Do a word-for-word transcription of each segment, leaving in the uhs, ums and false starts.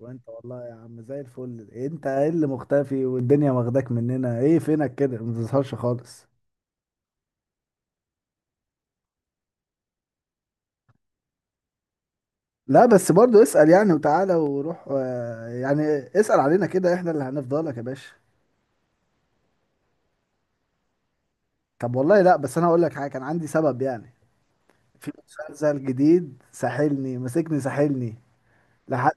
وانت والله يا عم زي الفل، انت ايه اللي مختفي والدنيا واخداك مننا؟ ايه فينك كده ما بتظهرش خالص؟ لا بس برضو اسأل يعني وتعالى وروح آه، يعني اسأل علينا كده، احنا اللي هنفضلك يا باشا. طب والله لا، بس انا هقول لك حاجة، كان عندي سبب يعني. في مسلسل جديد ساحلني مسكني ساحلني لحد.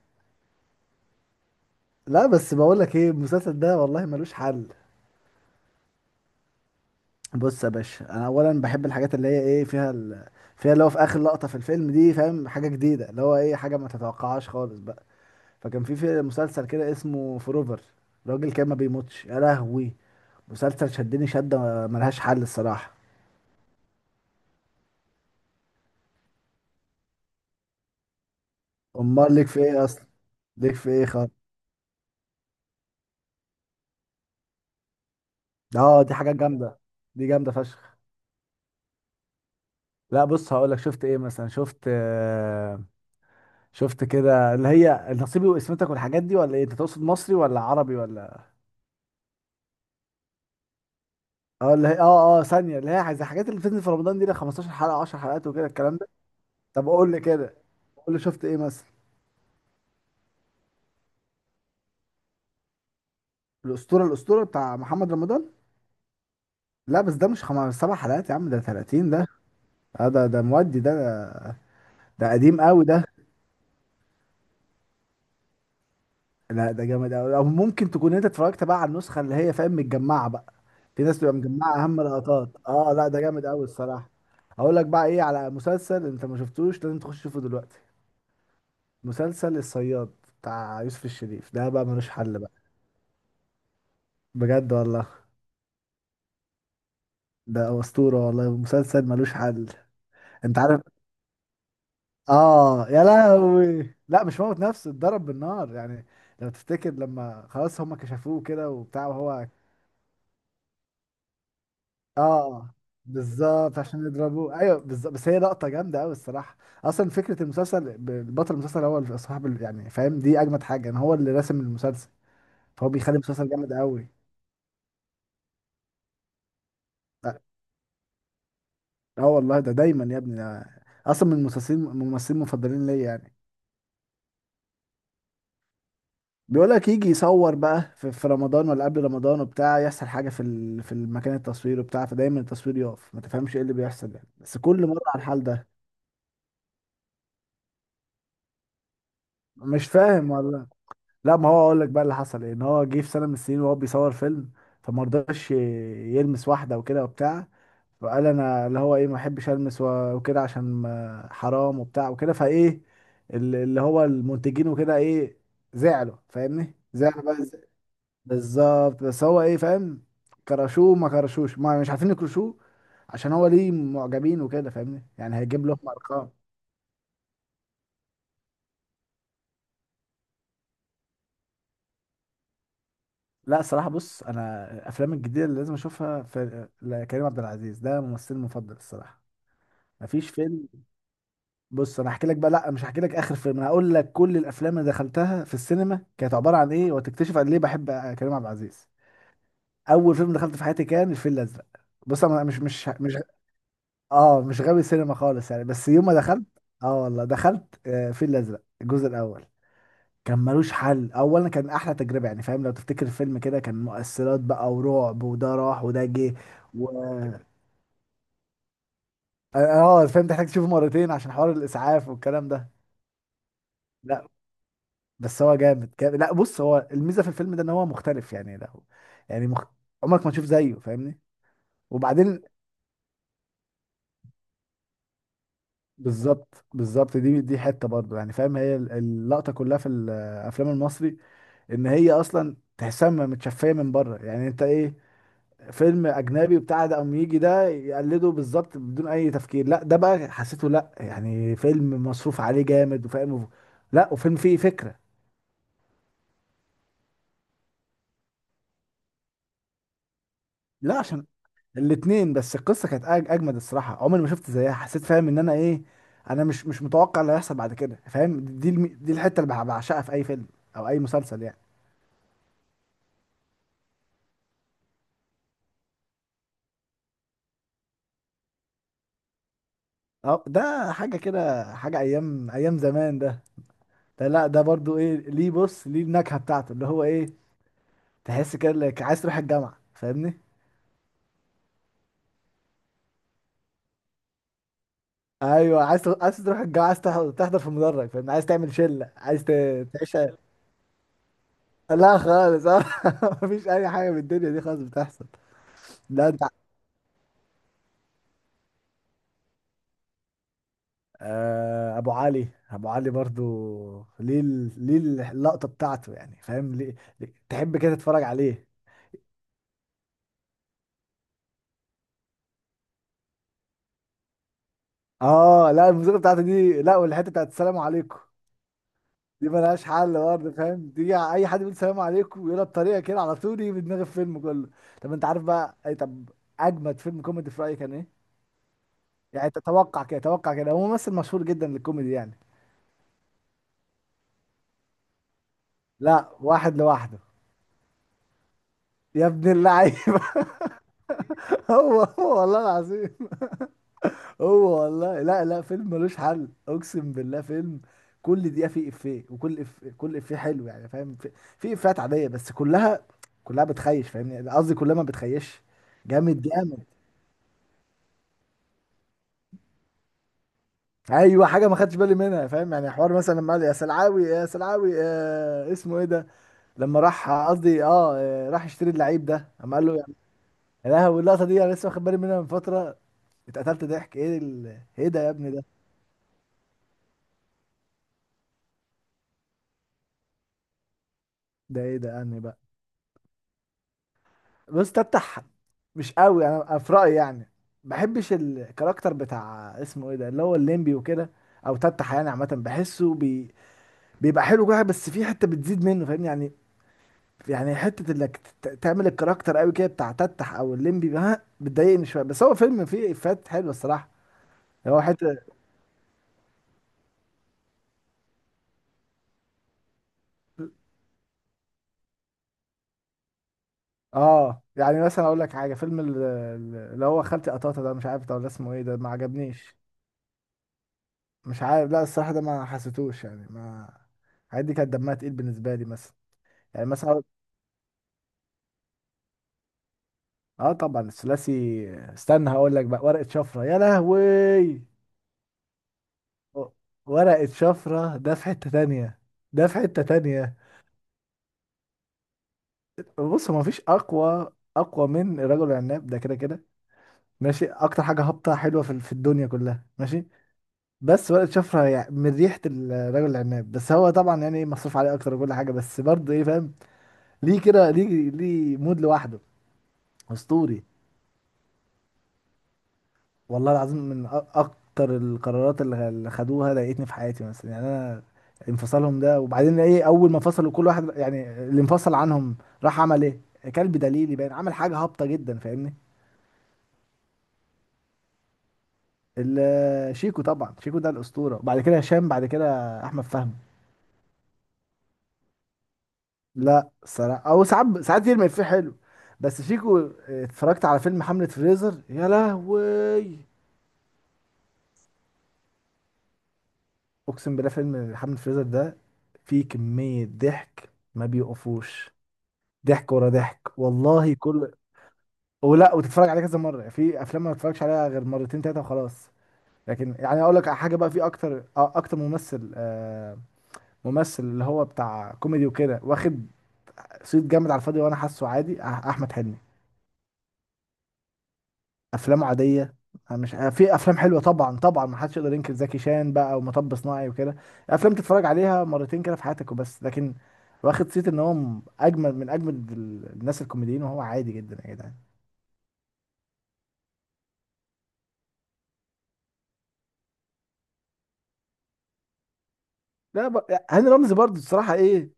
لا بس بقول لك ايه؟ المسلسل ده والله ملوش حل. بص يا باشا، انا اولا بحب الحاجات اللي هي ايه فيها ال... فيها اللي هو في اخر لقطة في الفيلم دي، فاهم؟ حاجة جديدة اللي هو ايه، حاجة ما تتوقعهاش خالص بقى. فكان في في مسلسل كده اسمه فروفر، راجل كان ما بيموتش، يا لهوي! مسلسل شدني شدة ملهاش حل الصراحة. امال ليك في ايه اصلا؟ ليك في ايه خالص؟ اه دي حاجات جامدة، دي جامدة فشخ. لا بص، هقول لك شفت ايه مثلا، شفت آه، شفت كده اللي هي نصيبي وقسمتك والحاجات دي، ولا ايه؟ انت تقصد مصري ولا عربي ولا... اه اللي هي اه اه ثانية، اللي هي زي الحاجات اللي بتنزل في رمضان، دي لها خمستاشر حلقة، عشر حلقات وكده الكلام ده. طب قول لي كده، قول لي شفت ايه مثلا. الاسطورة، الاسطورة بتاع محمد رمضان؟ لا بس ده مش خمس سبع حلقات يا عم، ده تلاتين ده. آه ده ده مودي ده، ده قديم قوي ده. لا ده جامد قوي، او ممكن تكون انت اتفرجت بقى على النسخه اللي هي، فاهم، متجمعه بقى. في ناس بتبقى مجمعه اهم لقطات. اه لا ده جامد قوي الصراحه. اقول لك بقى ايه؟ على مسلسل انت ما شفتوش، لازم تخش تشوفه دلوقتي. مسلسل الصياد، بتاع يوسف الشريف ده بقى ملوش حل بقى. بجد والله، ده اسطوره والله، مسلسل ملوش حل. انت عارف، اه يا لهوي، لا مش موت نفسه، اتضرب بالنار يعني. لو تفتكر لما خلاص هم كشفوه كده وبتاع وهو... اه بالظبط، عشان يضربوه، ايوه بالظبط، بس هي لقطه جامده قوي الصراحه. اصلا فكره المسلسل، ب- البطل المسلسل هو اللي صاحب ال- يعني فاهم؟ دي اجمد حاجه، ان هو اللي راسم المسلسل، فهو بيخلي المسلسل جامد قوي. لا، اه والله ده دايما يا ابني ده. اصلا من المسلسلين من الممثلين المفضلين ليا يعني. بيقولك يجي يصور بقى في, في رمضان ولا قبل رمضان وبتاع، يحصل حاجة في ال... في المكان التصوير وبتاع، فدايما التصوير يقف ما تفهمش ايه اللي بيحصل يعني، بس كل مرة على الحال ده. مش فاهم والله. لا ما هو اقول لك بقى اللي حصل ايه، ان هو جه في سنة من السنين وهو بيصور فيلم، فما رضاش ي- يلمس واحدة وكده وبتاع. فقال انا اللي هو ايه، ما احبش المس و- وكده عشان ما- حرام وبتاع وكده، فايه ال- اللي هو المنتجين وكده ايه، زعلوا فاهمني، زعلوا بقى. بالظبط، بس هو ايه فاهم، كرشوه ما كرشوش، ما مش عارفين يكرشوه عشان هو ليه معجبين وكده فاهمني، يعني هيجيب لهم ارقام. لا الصراحه بص، انا الافلام الجديده اللي لازم اشوفها في كريم عبد العزيز، ده ممثلي المفضل الصراحه. مفيش فيلم. بص انا هحكي لك بقى، لا مش هحكي لك اخر فيلم، انا هقول لك كل الافلام اللي دخلتها في السينما كانت عباره عن ايه، وتكتشف قد ليه بحب كريم عبد العزيز. اول فيلم دخلت في حياتي كان الفيل الازرق. بص انا مش مش مش اه مش غاوي سينما خالص يعني، بس يوم ما دخلت. اه والله دخلت آه، الفيل الازرق الجزء الاول، كان ملوش حل. اولا كان احلى تجربه يعني فاهم، لو تفتكر الفيلم كده كان مؤثرات بقى ورعب، وده راح وده جه و... اه فاهم، تحتاج تشوفه مرتين عشان حوار الاسعاف والكلام ده. لا بس هو جامد جامد. لا بص، هو الميزه في الفيلم ده ان هو مختلف يعني، لا هو- يعني مخ... عمرك ما تشوف زيه فاهمني. وبعدين... بالظبط بالظبط، دي دي حته برضه يعني فاهم، هي ال- اللقطه كلها في الافلام المصري، ان هي اصلا تحسها م- متشفيه من بره يعني. انت ايه فيلم اجنبي بتاع ده، قام يجي ده يقلده بالظبط بدون اي تفكير، لا ده بقى حسيته، لا يعني فيلم مصروف عليه جامد وفاهم. لا، وفيلم فيه فكره. لا عشان الاتنين، بس القصه كانت أج- اجمد الصراحه، عمري ما شفت زيها، حسيت فاهم ان انا ايه، انا مش مش متوقع اللي هيحصل بعد كده فاهم. دي الم- دي الحته اللي بع- بعشقها في اي فيلم او اي مسلسل يعني. اه ده حاجه كده، حاجه ايام ايام زمان ده. ده لا ده برضو ايه، ليه؟ بص ليه النكهه بتاعته اللي هو ايه، تحس كده انك عايز تروح الجامعه فاهمني. ايوه عايز تر- عايز تروح الجامعه، عايز تح- تحضر في مدرج فاهمني، عايز تعمل شله، عايز ت- تعيش. لا خالص! اه مفيش اي حاجه من الدنيا دي خالص بتحصل. لا انت، آه ابو علي، ابو علي برضو، ليه ال- ليه اللقطه بتاعته يعني فاهم، ليه ليه- تحب كده تتفرج عليه. اه لا الموسيقى بتاعته دي، لا، والحته بتاعت السلام عليكم، دي ملهاش حل برضه فاهم. دي اي حد بيقول سلام عليكم ويقولها بطريقه كده، على طول يجي في دماغ الفيلم كله. طب انت عارف بقى اي... طب اجمد فيلم كوميدي في رايك كان ايه؟ يعني تتوقع كده، توقع كده، هو ممثل مشهور جدا للكوميدي يعني. لا واحد لوحده. يا ابن اللعيبه! هو هو والله العظيم، هو والله. لا لا فيلم ملوش حل، اقسم بالله فيلم، كل دقيقه فيه افيه، وكل إف... كل افيه حلو يعني فاهم، في, في افيهات عاديه بس كلها، كلها بتخيش فاهمني، قصدي كلها ما بتخيش. جامد جامد. ايوه حاجه ما خدتش بالي منها فاهم. يعني حوار مثلا لما قال يا سلعاوي يا سلعاوي، آه اسمه ايه ده، لما راح قصدي اه آه، راح يشتري اللعيب ده اما قال له يعني. يا لهوي اللقطه دي انا لسه واخد بالي منها من فتره، اتقتلت ضحك! ايه ال... ايه ده يا ابني ده؟ ده ايه ده يعني بقى؟ بص، تفتح، مش قوي انا في رايي يعني، ما بحبش الكاركتر بتاع اسمه ايه ده اللي هو الليمبي وكده. او تفتح يعني عامه بحسه بي... بيبقى حلو كده، بس في حته بتزيد منه فاهمني يعني. يعني حته انك ت- تعمل الكاركتر قوي كده بتاع تتح او الليمبي بقى، بتضايقني شويه. بس هو فيلم فيه افيهات حلوه الصراحه. هو حته، اه يعني مثلا اقول لك حاجه، فيلم ال- ال- اللي هو خالتي قطاطه ده، مش عارف ده ولا اسمه ايه ده، ما عجبنيش. مش عارف، لا الصراحه ده ما حسيتوش يعني ما... الحاجات دي كانت دمها تقيل بالنسبه لي مثلا. يعني مثلا، اه طبعا الثلاثي. استنى هقول لك بقى، ورقه شفره يا لهوي! ورقه شفره ده في حته تانية، ده في حته تانية. بص هو مفيش اقوى، اقوى من الرجل العناب ده، كده كده ماشي، اكتر حاجه هابطه حلوه في في الدنيا كلها ماشي. بس ورقه شفره يعني من ريحه الرجل العناب، بس هو طبعا يعني مصروف عليه اكتر وكل حاجه، بس برضه ايه فاهم، ليه كده؟ ليه ليه مود لوحده؟ اسطوري والله العظيم، من أ- اكتر القرارات اللي اللي خدوها ضايقتني في حياتي مثلا يعني. انا انفصالهم ده، وبعدين ايه، اول ما فصلوا كل واحد يعني اللي انفصل عنهم راح عمل ايه؟ كلب دليلي باين، عمل حاجه هابطه جدا فاهمني. ال- شيكو طبعا، شيكو ده الاسطوره، بعد كده هشام، بعد كده احمد فهمي. لا صراحه، او ساعات ساعات يرمي فيه حلو. بس شيكو، آه، اتفرجت على فيلم حملة فريزر يا لهوي. اقسم بالله فيلم حملة فريزر ده فيه كميه ضحك ما بيوقفوش، ضحك ورا ضحك والله كل... ولا وتتفرج عليه كذا مره، في افلام ما بتفرجش عليها غير مرتين تلاته وخلاص. لكن يعني اقول لك على حاجه بقى، في اكتر آه، اكتر ممثل آه، ممثل اللي هو بتاع كوميدي وكده، واخد صيت جامد على الفاضي وانا حاسه عادي، أح- احمد حلمي، افلامه عاديه. مش في افلام حلوه، طبعا طبعا ما حدش يقدر ينكر زكي شان بقى ومطب صناعي وكده، افلام تتفرج عليها مرتين كده في حياتك وبس. لكن واخد صيت ان هو م- اجمل من اجمد ال- الناس الكوميديين وهو عادي جدا يا جدعان. لا ب... يعني هاني رمزي برضه الصراحه ايه،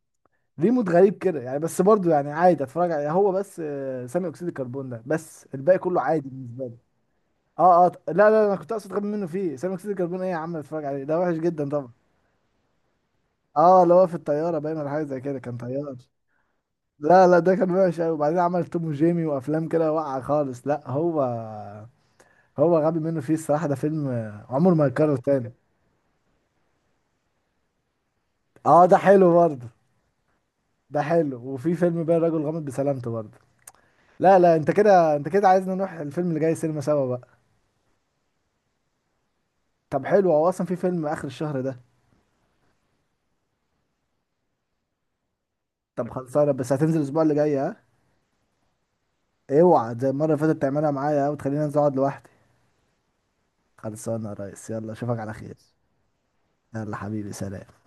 ليه مود غريب كده يعني، بس برضه يعني عادي اتفرج عليه، هو بس آه، ثاني اكسيد الكربون ده، بس الباقي كله عادي بالنسبه لي. اه اه لا لا انا كنت اقصد غبي منه فيه، ثاني اكسيد الكربون ايه يا عم، اتفرج عليه ده وحش جدا. اه اللي هو في الطياره باين، ولا حاجه زي كده كان طيار. لا لا ده كان وحش قوي، وبعدين عمل توم وجيمي وافلام كده واقعه خالص. لا هو، هو غبي منه فيه الصراحه، ده فيلم عمره ما يتكرر تاني. اه ده حلو برضه، ده حلو. وفي فيلم بقى الرجل غامض بسلامته برضه. لا لا انت كده، انت كده عايزنا نروح الفيلم اللي جاي سينما سوا بقى. طب حلو، هو اصلا في فيلم اخر الشهر ده. طب خلصانه، بس هتنزل الاسبوع اللي جاي ها؟ اوعى زي المره اللي فاتت تعملها معايا وتخليني انزل اقعد لوحدي. خلصانه يا ريس، يلا اشوفك على خير. يلا حبيبي سلام.